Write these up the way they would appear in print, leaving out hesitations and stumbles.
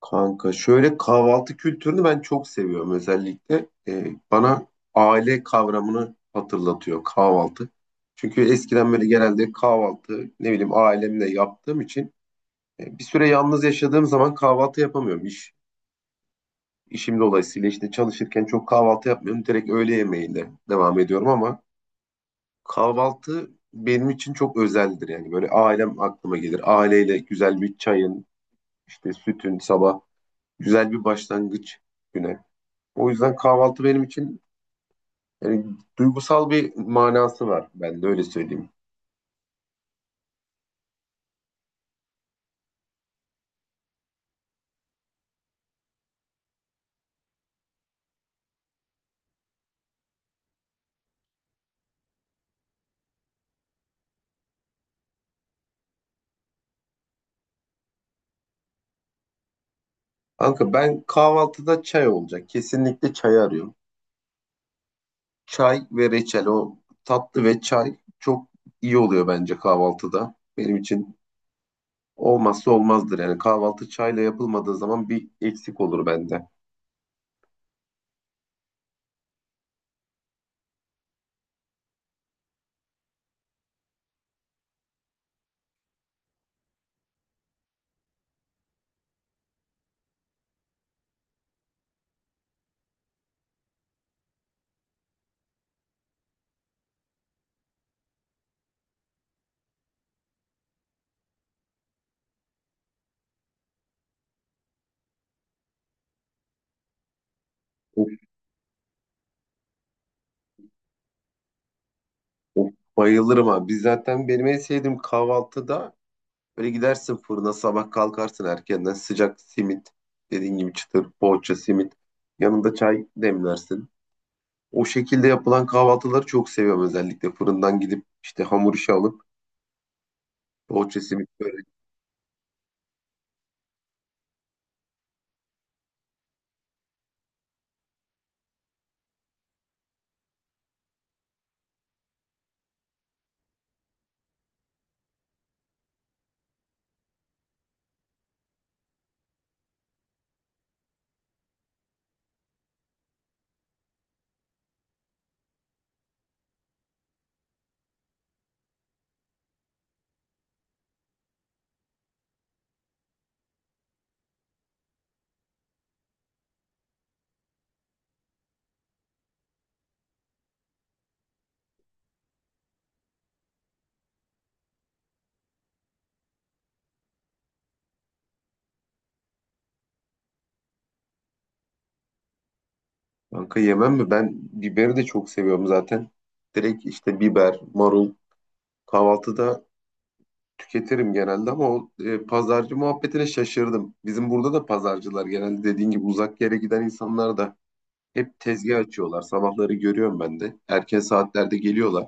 Kanka şöyle kahvaltı kültürünü ben çok seviyorum özellikle. Bana aile kavramını hatırlatıyor kahvaltı. Çünkü eskiden böyle genelde kahvaltı ne bileyim ailemle yaptığım için bir süre yalnız yaşadığım zaman kahvaltı yapamıyorum. İşim dolayısıyla işte çalışırken çok kahvaltı yapmıyorum. Direkt öğle yemeğiyle devam ediyorum ama kahvaltı benim için çok özeldir yani. Böyle ailem aklıma gelir. Aileyle güzel bir çayın, işte sütün sabah güzel bir başlangıç güne. O yüzden kahvaltı benim için yani duygusal bir manası var. Ben de öyle söyleyeyim. Kanka ben kahvaltıda çay olacak. Kesinlikle çay arıyorum. Çay ve reçel, o tatlı ve çay çok iyi oluyor bence kahvaltıda. Benim için olmazsa olmazdır. Yani kahvaltı çayla yapılmadığı zaman bir eksik olur bende. Of, of, bayılırım abi. Biz zaten benim en sevdiğim kahvaltıda, böyle gidersin fırına, sabah kalkarsın erkenden sıcak simit, dediğin gibi çıtır poğaça simit, yanında çay demlersin. O şekilde yapılan kahvaltıları çok seviyorum, özellikle fırından gidip işte hamur işi alıp poğaça simit böyle. Kanka, yemem mi? Ben biberi de çok seviyorum zaten. Direkt işte biber, marul kahvaltıda tüketirim genelde ama o pazarcı muhabbetine şaşırdım. Bizim burada da pazarcılar genelde dediğin gibi uzak yere giden insanlar da hep tezgah açıyorlar. Sabahları görüyorum ben de. Erken saatlerde geliyorlar.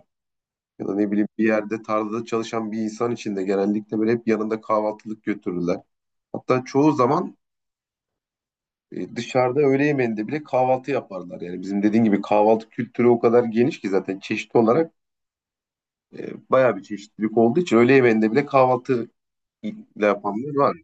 Ya da ne bileyim, bir yerde tarlada çalışan bir insan için de genellikle böyle hep yanında kahvaltılık götürürler. Hatta çoğu zaman dışarıda öğle yemeğinde bile kahvaltı yaparlar. Yani bizim dediğin gibi kahvaltı kültürü o kadar geniş ki, zaten çeşitli olarak bayağı bir çeşitlilik olduğu için öğle yemeğinde bile kahvaltı ile yapanlar var.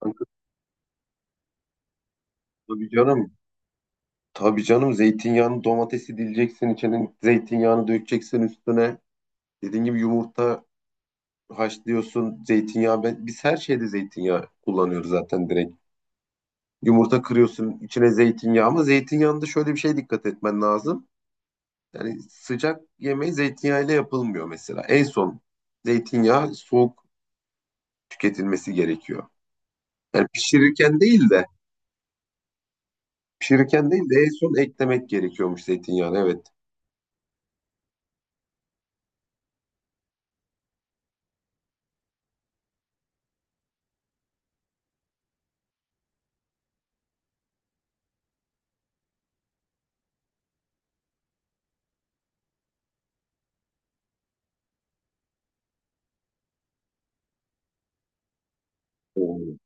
Kanka, tabii canım. Tabii canım, zeytinyağını, domatesi dileceksin, içine zeytinyağını dökeceksin üstüne. Dediğin gibi yumurta haşlıyorsun, zeytinyağı. Biz her şeyde zeytinyağı kullanıyoruz zaten direkt. Yumurta kırıyorsun içine zeytinyağı, ama zeytinyağında şöyle bir şey, dikkat etmen lazım. Yani sıcak yemeği zeytinyağıyla yapılmıyor mesela. En son zeytinyağı soğuk tüketilmesi gerekiyor. Yani pişirirken değil de pişirirken değil de en son eklemek gerekiyormuş zeytinyağını, evet. Oo.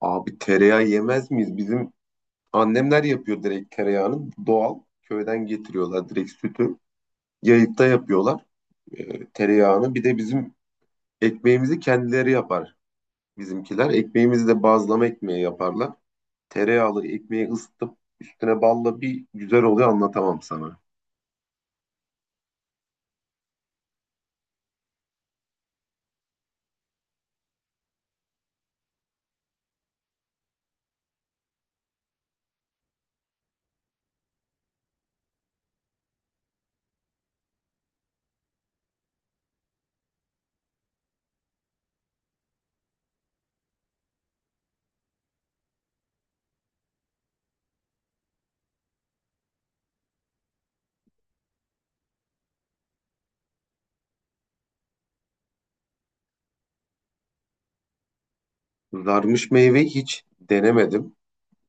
Abi tereyağı yemez miyiz? Bizim annemler yapıyor direkt, tereyağını doğal köyden getiriyorlar, direkt sütü. Yayıkta yapıyorlar tereyağını. Bir de bizim ekmeğimizi kendileri yapar bizimkiler. Ekmeğimizi de bazlama ekmeği yaparlar. Tereyağlı ekmeği ısıtıp üstüne balla, bir güzel oluyor, anlatamam sana. Kızarmış meyve hiç denemedim.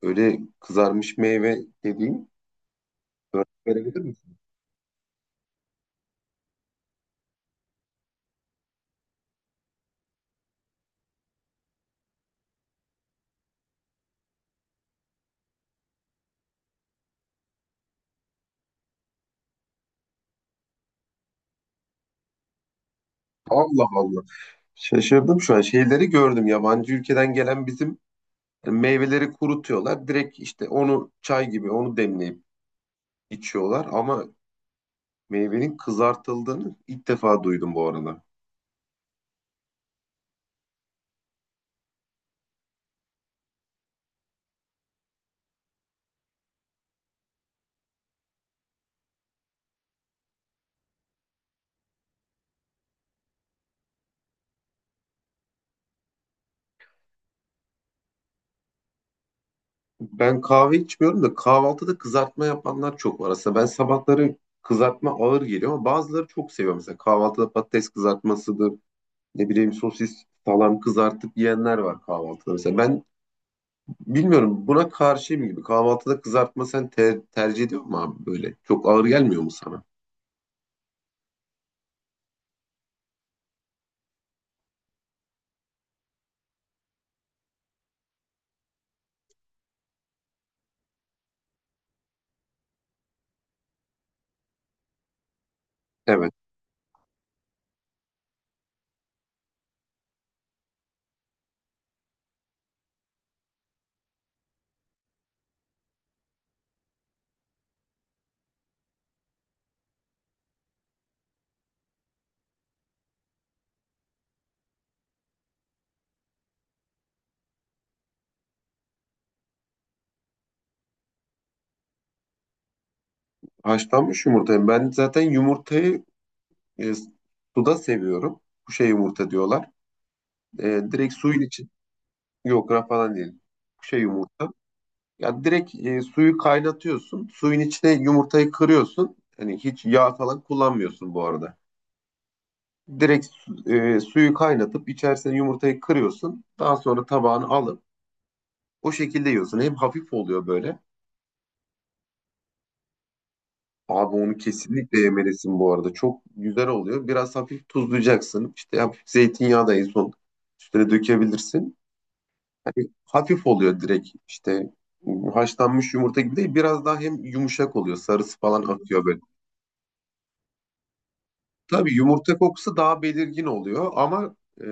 Öyle kızarmış meyve dediğin, örnek verebilir misin? Allah Allah. Şaşırdım şu an. Şeyleri gördüm. Yabancı ülkeden gelen, bizim meyveleri kurutuyorlar. Direkt işte onu çay gibi onu demleyip içiyorlar. Ama meyvenin kızartıldığını ilk defa duydum bu arada. Ben kahve içmiyorum da kahvaltıda kızartma yapanlar çok var. Aslında ben sabahları kızartma ağır geliyor ama bazıları çok seviyor. Mesela kahvaltıda patates kızartmasıdır, ne bileyim sosis salam kızartıp yiyenler var kahvaltıda. Mesela ben bilmiyorum, buna karşıyım gibi. Kahvaltıda kızartma sen tercih ediyor mu abi böyle? Çok ağır gelmiyor mu sana? Evet. Haşlanmış yumurtayı. Ben zaten yumurtayı e, suda seviyorum. Kuşe yumurta diyorlar. E, direkt suyun için. Yok rafadan değil. Kuşe yumurta. Ya direkt suyu kaynatıyorsun. Suyun içine yumurtayı kırıyorsun. Hani hiç yağ falan kullanmıyorsun bu arada. Direkt suyu kaynatıp içerisine yumurtayı kırıyorsun. Daha sonra tabağını alıp o şekilde yiyorsun. Hem hafif oluyor böyle. Abi onu kesinlikle yemelisin bu arada. Çok güzel oluyor. Biraz hafif tuzlayacaksın. İşte hafif zeytinyağı da en son üstüne dökebilirsin. Hani hafif oluyor direkt. İşte haşlanmış yumurta gibi değil. Biraz daha hem yumuşak oluyor. Sarısı falan atıyor böyle. Tabii yumurta kokusu daha belirgin oluyor ama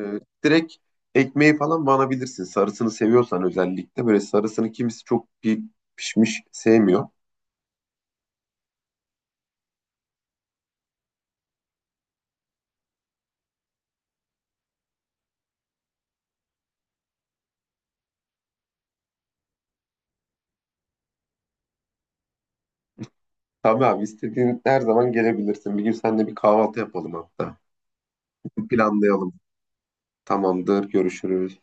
direkt ekmeği falan banabilirsin. Sarısını seviyorsan, özellikle böyle sarısını kimisi çok pişmiş sevmiyor. Tabii abi, istediğin her zaman gelebilirsin. Bir gün seninle bir kahvaltı yapalım hatta. Planlayalım. Tamamdır, görüşürüz.